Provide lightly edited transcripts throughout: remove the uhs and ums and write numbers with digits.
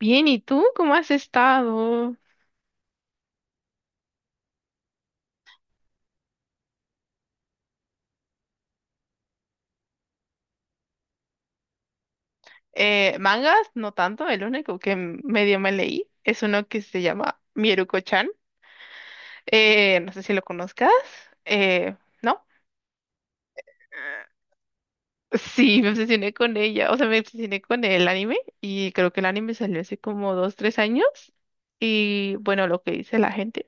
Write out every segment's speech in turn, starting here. Bien, ¿y tú cómo has estado? Mangas, no tanto, el único que medio me leí es uno que se llama Mieruko-chan. No sé si lo conozcas. Eh, ¿No? Sí, me obsesioné con ella, o sea, me obsesioné con el anime y creo que el anime salió hace como 2, 3 años y bueno, lo que dice la gente.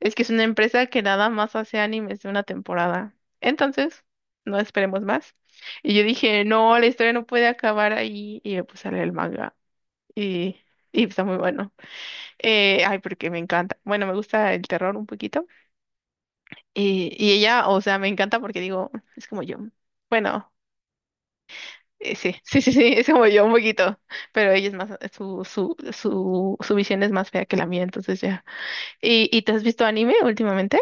Es que es una empresa que nada más hace animes de una temporada. Entonces, no esperemos más. Y yo dije, no, la historia no puede acabar ahí. Y me puse a leer el manga. Y, y está muy bueno. Ay, porque me encanta. Bueno, me gusta el terror un poquito. Y ella, o sea, me encanta porque digo, es como yo. Bueno, sí, sí, sí, sí, es como yo un poquito. Pero ella es más, su visión es más fea que la mía, entonces ya. ¿Y te has visto anime últimamente?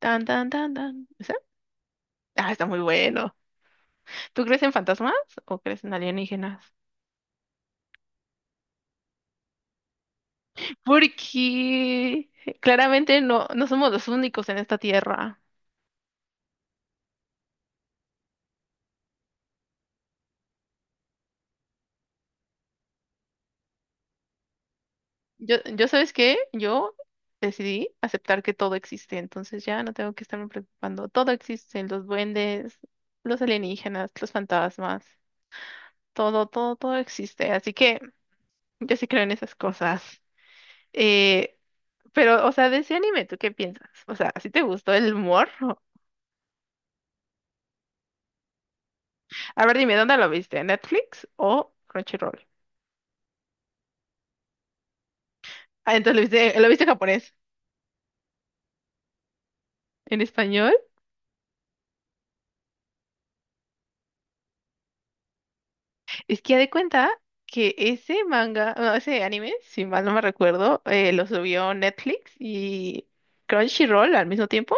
Tan, tan, tan, tan. Ah, está muy bueno. ¿Tú crees en fantasmas o crees en alienígenas? Porque claramente no, no somos los únicos en esta tierra. Yo, ¿sabes qué? Yo decidí aceptar que todo existe, entonces ya no tengo que estarme preocupando. Todo existe, los duendes, los alienígenas, los fantasmas, todo, todo, todo existe. Así que yo sí creo en esas cosas. Eh, pero, o sea, de ese anime, ¿tú qué piensas? O sea, ¿sí te gustó el humor? A ver, dime, ¿dónde lo viste? ¿En Netflix o Crunchyroll? Ah, entonces lo viste, en japonés. ¿En español? Es que ya de cuenta que ese manga, no, ese anime, si mal no me recuerdo, lo subió Netflix y Crunchyroll al mismo tiempo,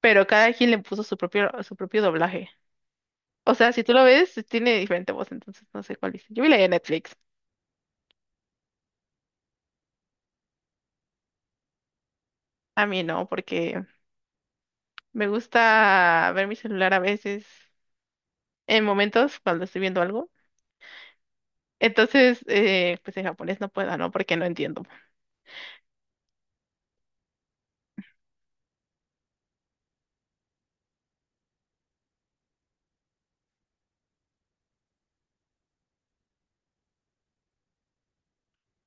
pero cada quien le puso su propio doblaje. O sea, si tú lo ves, tiene diferente voz, entonces no sé cuál es. Yo vi la de Netflix. A mí no, porque me gusta ver mi celular a veces en momentos cuando estoy viendo algo. Entonces, pues en japonés no puedo, ¿no? Porque no entiendo.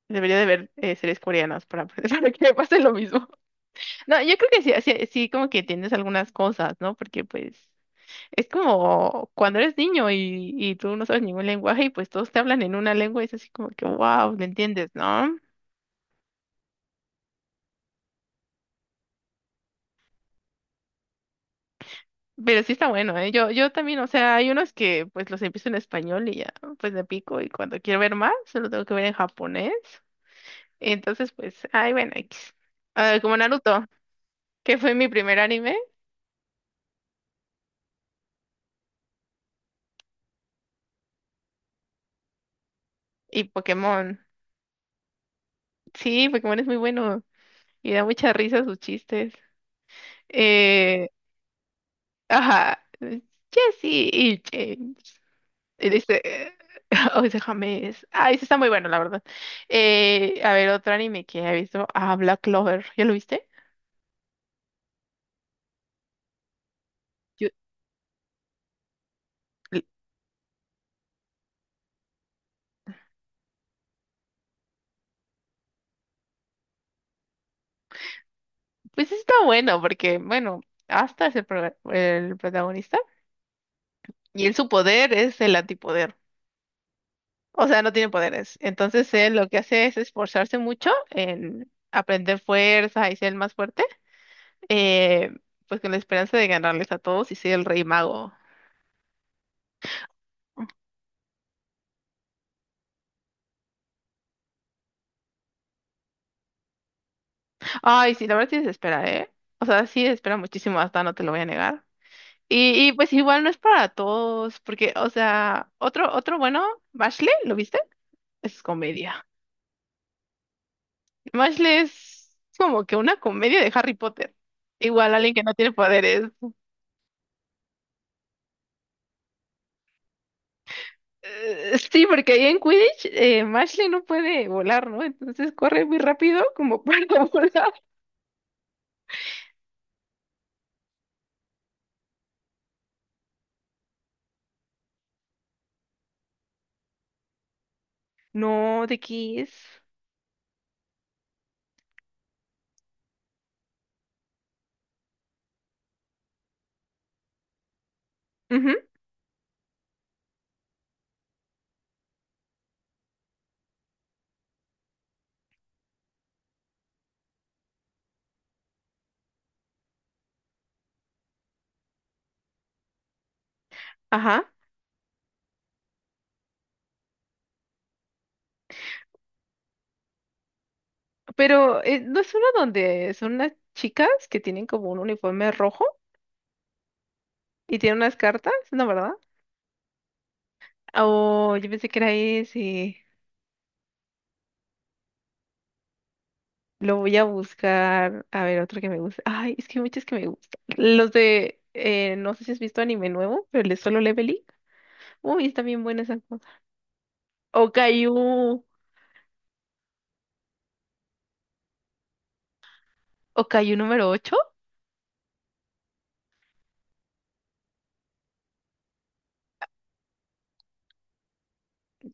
Debería de ver series coreanas para, para que me pase lo mismo. No, yo creo que sí, sí, sí, como que entiendes algunas cosas, ¿no? Porque pues es como cuando eres niño y tú no sabes ningún lenguaje y pues todos te hablan en una lengua y es así como que, wow, ¿me entiendes, no? Pero sí está bueno, ¿eh? Yo también, o sea, hay unos que pues los empiezo en español y ya, pues me pico y cuando quiero ver más, solo tengo que ver en japonés. Entonces, pues, ay, bueno, X. Ah, como Naruto, que fue mi primer anime, y Pokémon. Sí, Pokémon es muy bueno y da mucha risa sus chistes. Eh, ajá, Jesse y James. Y dice, oh, ese James. Ah, ese está muy bueno, la verdad. A ver, otro anime que he visto, ah, Black Clover. ¿Ya lo viste? Yo- l- pues está bueno porque, bueno, Asta es el protagonista y él su poder es el antipoder. O sea, no tiene poderes. Entonces él lo que hace es esforzarse mucho en aprender fuerza y ser el más fuerte, eh, pues con la esperanza de ganarles a todos y ser el rey mago. Ay, sí, la verdad sí se espera, ¿eh? O sea, sí se espera muchísimo, hasta no te lo voy a negar. Y pues igual no es para todos, porque, o sea, otro bueno, Bashley, ¿lo viste? Es comedia. Bashley es como que una comedia de Harry Potter. Igual alguien que no tiene poderes. Sí, porque ahí en Quidditch Mashley no puede volar, ¿no? Entonces corre muy rápido como para volar. No, de Kiss. Ujú, ajá. Pero ¿no es uno donde son unas chicas que tienen como un uniforme rojo y tienen unas cartas? No, ¿verdad? Oh, yo pensé que era ese. Lo voy a buscar. A ver, otro que me gusta. Ay, es que hay muchos que me gustan. Los de, no sé si has visto anime nuevo, pero el de Solo Leveling. Uy, está bien buena esa cosa. O Caillou. Okayu número ocho.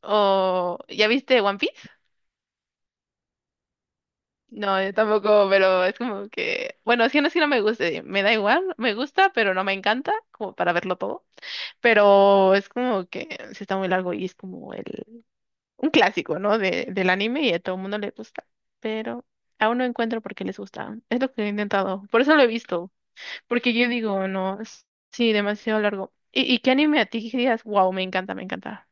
¿O ya viste One Piece? No, yo tampoco, pero es como que, bueno, es que no me guste, me da igual, me gusta, pero no me encanta, como para verlo todo, pero es como que sí está muy largo y es como el, un clásico, ¿no? De, del anime y a todo el mundo le gusta, pero aún no encuentro por qué les gusta, es lo que he intentado, por eso lo he visto, porque yo digo, no, sí, demasiado largo. ¿Y qué anime a ti que digas, wow, me encanta, me encanta?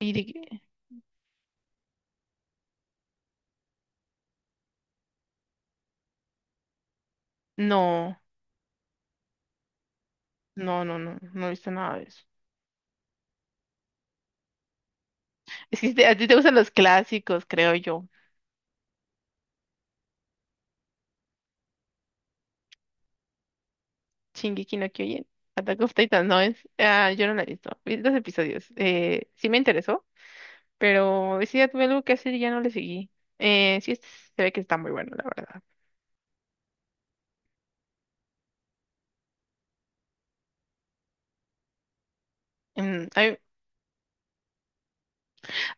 Y dije, no. No, no, no, no he visto nada de eso. Es que a ti te gustan los clásicos, creo yo. Shingeki no Kyojin, Attack of Titan, no es. Ah, yo no la he visto. Vi 2 episodios. Sí me interesó, pero ese día tuve algo que hacer y ya no le seguí. Sí, se ve que está muy bueno, la verdad. Mm,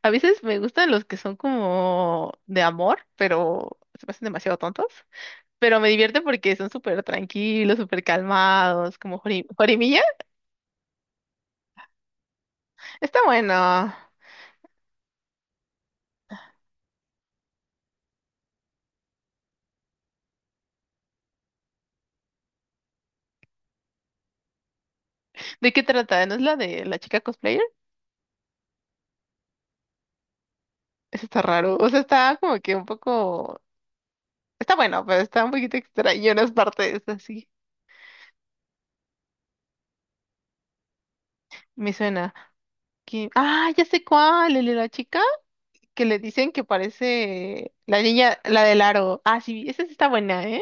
a veces me gustan los que son como de amor, pero se pasan demasiado tontos. Pero me divierte porque son súper tranquilos, súper calmados, como Horimiya. Está bueno. ¿De qué trata? ¿No es la de la chica cosplayer? Eso está raro. O sea, está como que un poco. Está bueno, pero está un poquito extraño en las partes así. Me suena. Ah, ya sé cuál, el de la chica que le dicen que parece la niña, la del aro. Ah, sí, esa sí está buena, ¿eh?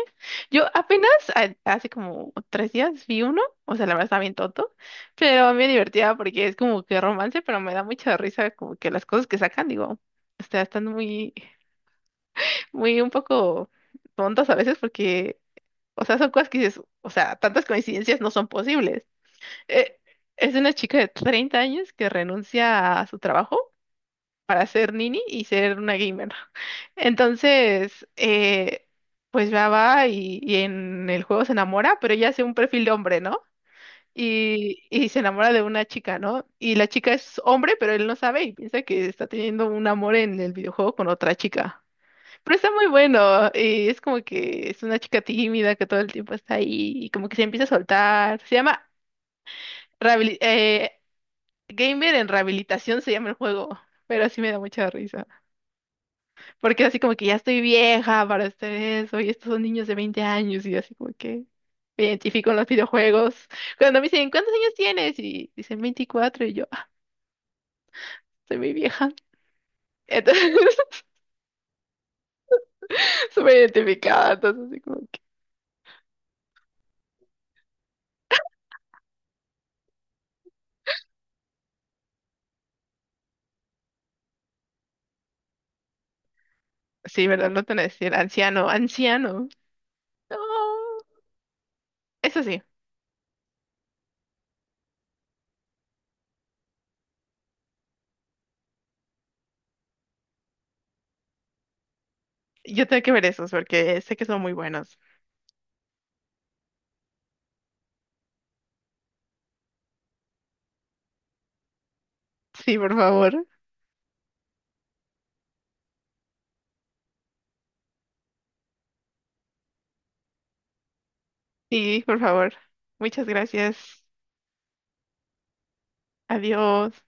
Yo apenas hace como 3 días vi uno, o sea, la verdad está bien tonto, pero me divertía porque es como que romance, pero me da mucha risa como que las cosas que sacan, digo, o sea, están muy, muy un poco tontas a veces porque o sea, son cosas que dices, o sea, tantas coincidencias no son posibles. Eh, es una chica de 30 años que renuncia a su trabajo para ser nini y ser una gamer. Entonces, pues va y en el juego se enamora, pero ella hace un perfil de hombre, ¿no? Y se enamora de una chica, ¿no? Y la chica es hombre, pero él no sabe y piensa que está teniendo un amor en el videojuego con otra chica. Pero está muy bueno. Es como que es una chica tímida que todo el tiempo está ahí y como que se empieza a soltar. Se llama rehabili- eh, Gamer en Rehabilitación, se llama el juego. Pero sí me da mucha risa. Porque así como que ya estoy vieja para hacer eso y estos son niños de 20 años y así como que me identifico en los videojuegos. Cuando me dicen, ¿cuántos años tienes? Y dicen 24 y yo, "Ah, soy muy vieja. Entonces, súper identificada. Entonces, así como que, sí, ¿verdad? No te van a decir anciano, anciano. No. Eso sí, yo tengo que ver esos porque sé que son muy buenos. Sí, por favor. Sí, por favor. Muchas gracias. Adiós.